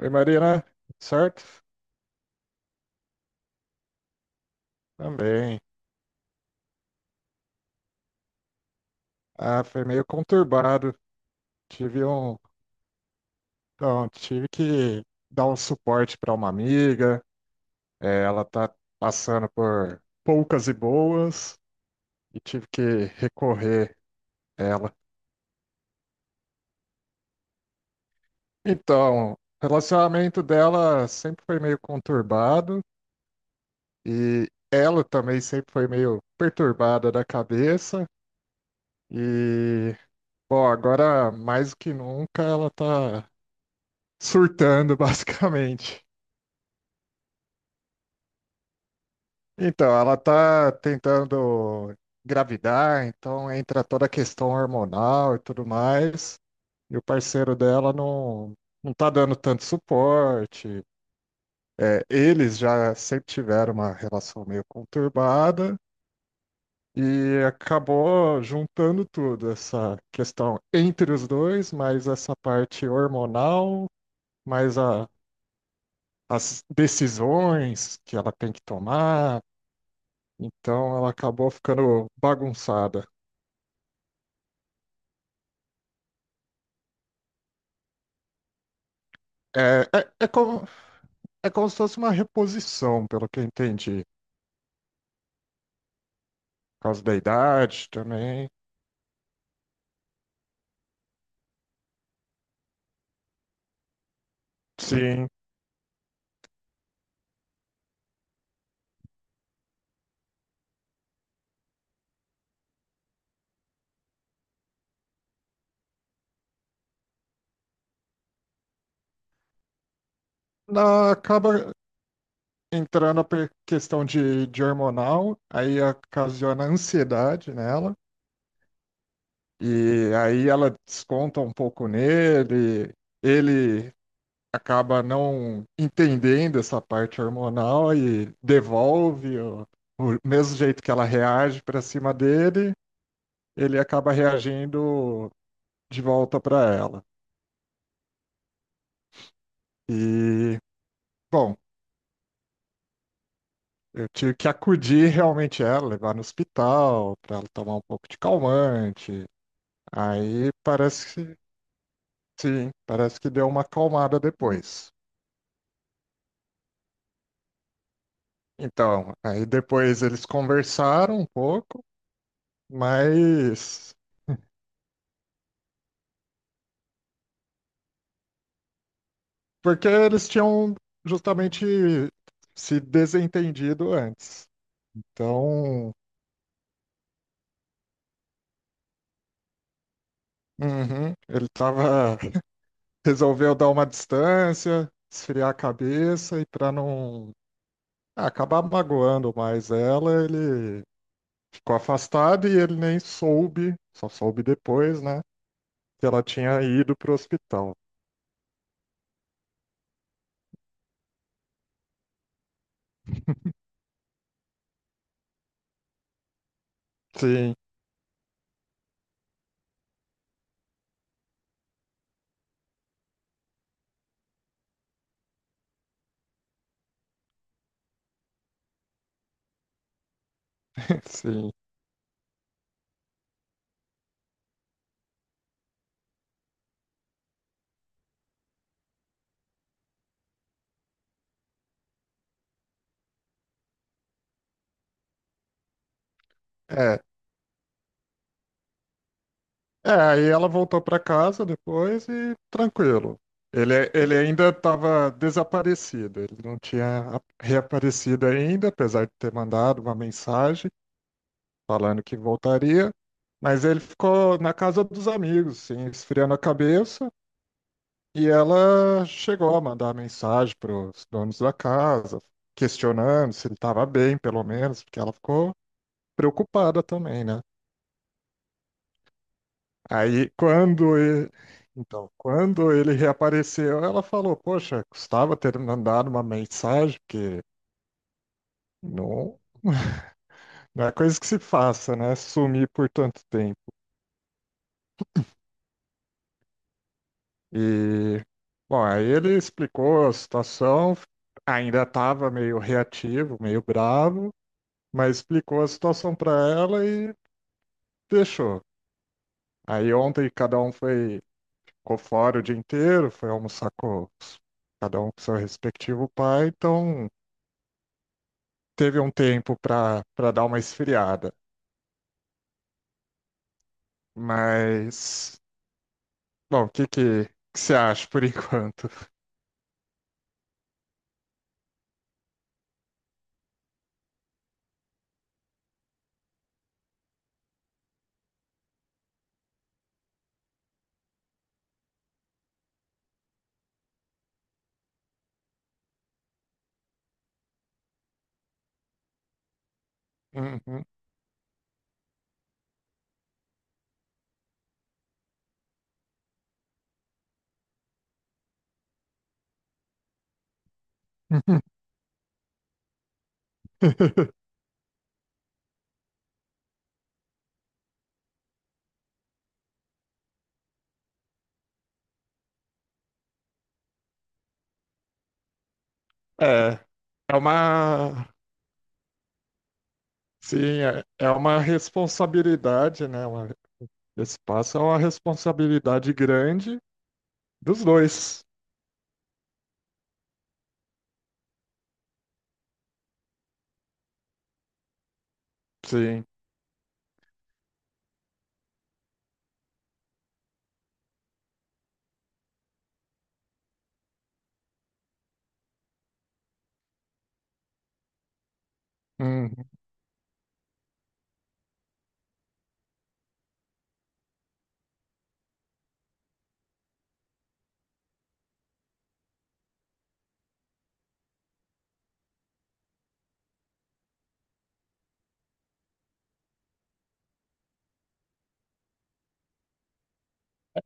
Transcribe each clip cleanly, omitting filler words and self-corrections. Oi, Marina, certo? Também. Ah, foi meio conturbado. Tive um, tive que dar um suporte para uma amiga. Ela tá passando por poucas e boas e tive que recorrer a ela. Então, o relacionamento dela sempre foi meio conturbado e ela também sempre foi meio perturbada da cabeça. E, bom, agora mais do que nunca ela tá surtando, basicamente. Então, ela tá tentando engravidar, então entra toda a questão hormonal e tudo mais, e o parceiro dela não tá dando tanto suporte. É, eles já sempre tiveram uma relação meio conturbada e acabou juntando tudo, essa questão entre os dois, mais essa parte hormonal, mais as decisões que ela tem que tomar. Então ela acabou ficando bagunçada. É, é, é como, é como se fosse uma reposição, pelo que eu entendi. Por causa da idade também. Sim. Acaba entrando a questão de hormonal, aí ocasiona ansiedade nela. E aí ela desconta um pouco nele. Ele acaba não entendendo essa parte hormonal e devolve o mesmo jeito que ela reage para cima dele. Ele acaba reagindo de volta para ela. E, bom, eu tive que acudir realmente ela, levar no hospital, para ela tomar um pouco de calmante. Aí parece sim, parece que deu uma acalmada depois. Então, aí depois eles conversaram um pouco, mas porque eles tinham justamente se desentendido antes. Então, uhum, ele estava resolveu dar uma distância, esfriar a cabeça e para não acabar magoando mais ela, ele ficou afastado e ele nem soube, só soube depois, né, que ela tinha ido pro hospital. Sim, sim. É. É, aí ela voltou para casa depois e tranquilo. Ele ainda estava desaparecido, ele não tinha reaparecido ainda, apesar de ter mandado uma mensagem falando que voltaria, mas ele ficou na casa dos amigos, assim, esfriando a cabeça, e ela chegou a mandar mensagem para os donos da casa, questionando se ele estava bem, pelo menos, porque ela ficou preocupada também, né? Aí quando ele, então, quando ele reapareceu, ela falou: "Poxa, custava ter mandado uma mensagem, porque não, não é coisa que se faça, né? Sumir por tanto tempo." E, bom, aí ele explicou a situação, ainda estava meio reativo, meio bravo, mas explicou a situação para ela e deixou. Aí ontem cada um foi, ficou fora o dia inteiro, foi almoçar com cada um com seu respectivo pai, então teve um tempo para dar uma esfriada. Mas, bom, que você acha por enquanto? Uhum. É, é uma Sim, é uma responsabilidade, né? Uma, esse passo é uma responsabilidade grande dos dois. Sim. Uhum.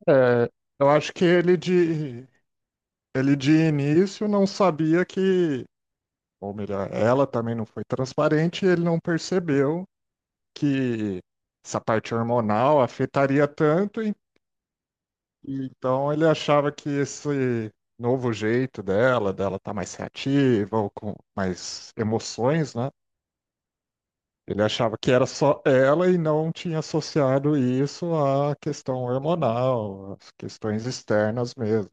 É, eu acho que ele de início não sabia que, ou melhor, ela também não foi transparente, e ele não percebeu que essa parte hormonal afetaria tanto, e então ele achava que esse novo jeito dela tá mais reativa ou com mais emoções, né? Ele achava que era só ela e não tinha associado isso à questão hormonal, às questões externas mesmo.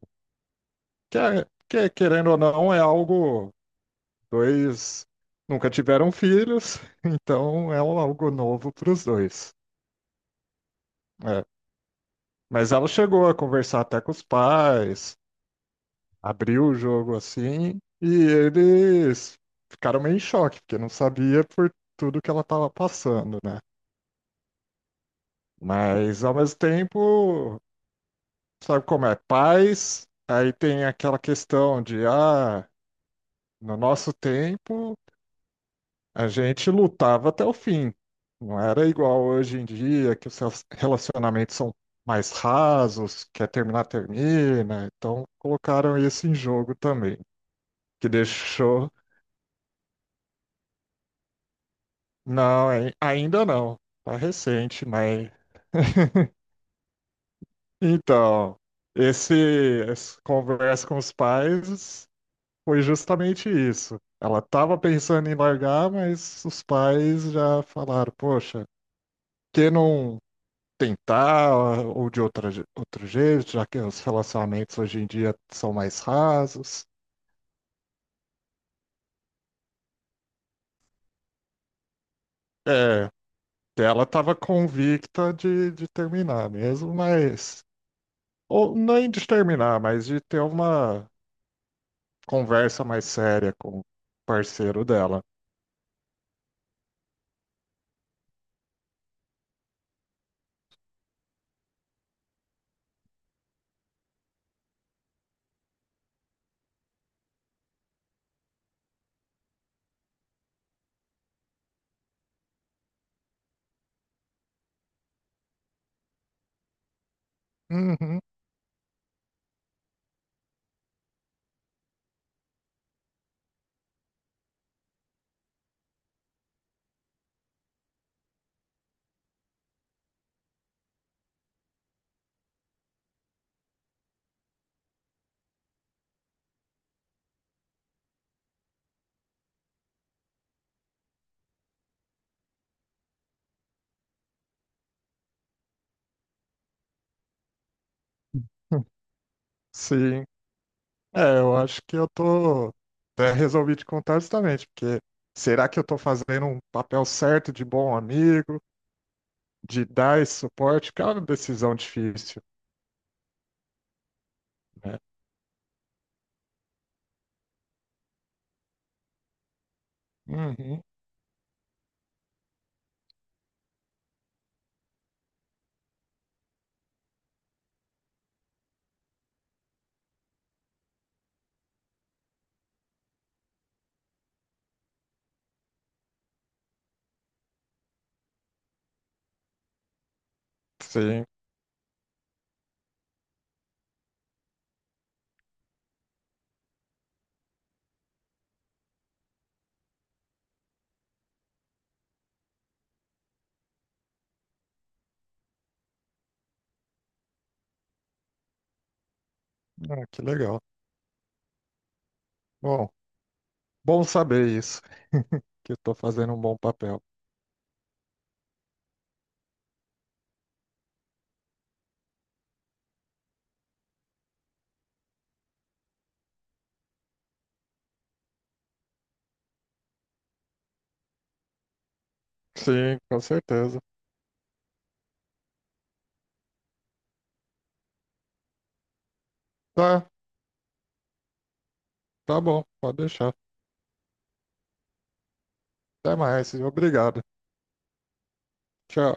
Querendo ou não, é algo. Dois nunca tiveram filhos, então é algo novo para os dois. É. Mas ela chegou a conversar até com os pais, abriu o jogo assim, e eles ficaram meio em choque, porque não sabia por tudo que ela estava passando, né? Mas ao mesmo tempo. Sabe como é? Paz, aí tem aquela questão de, ah, no nosso tempo a gente lutava até o fim. Não era igual hoje em dia, que os seus relacionamentos são mais rasos, quer terminar, termina. Então colocaram isso em jogo também, que deixou. Não, ainda não. Tá recente, mas. Então, essa conversa com os pais. Foi justamente isso. Ela estava pensando em largar, mas os pais já falaram: Poxa, que não tentar ou de outro jeito, já que os relacionamentos hoje em dia são mais rasos. É, ela estava convicta de terminar mesmo, mas. Ou nem de terminar, mas de ter uma conversa mais séria com o parceiro dela. Uhum. Sim. É, eu acho que eu tô. Até resolvi te contar justamente, porque será que eu tô fazendo um papel certo de bom amigo, de dar esse suporte? Que é uma decisão difícil, né? Uhum, sim. Ah, que legal. Bom, bom saber isso, que eu tô fazendo um bom papel. Sim, com certeza. Tá, tá bom, pode deixar. Até mais, e obrigado. Tchau.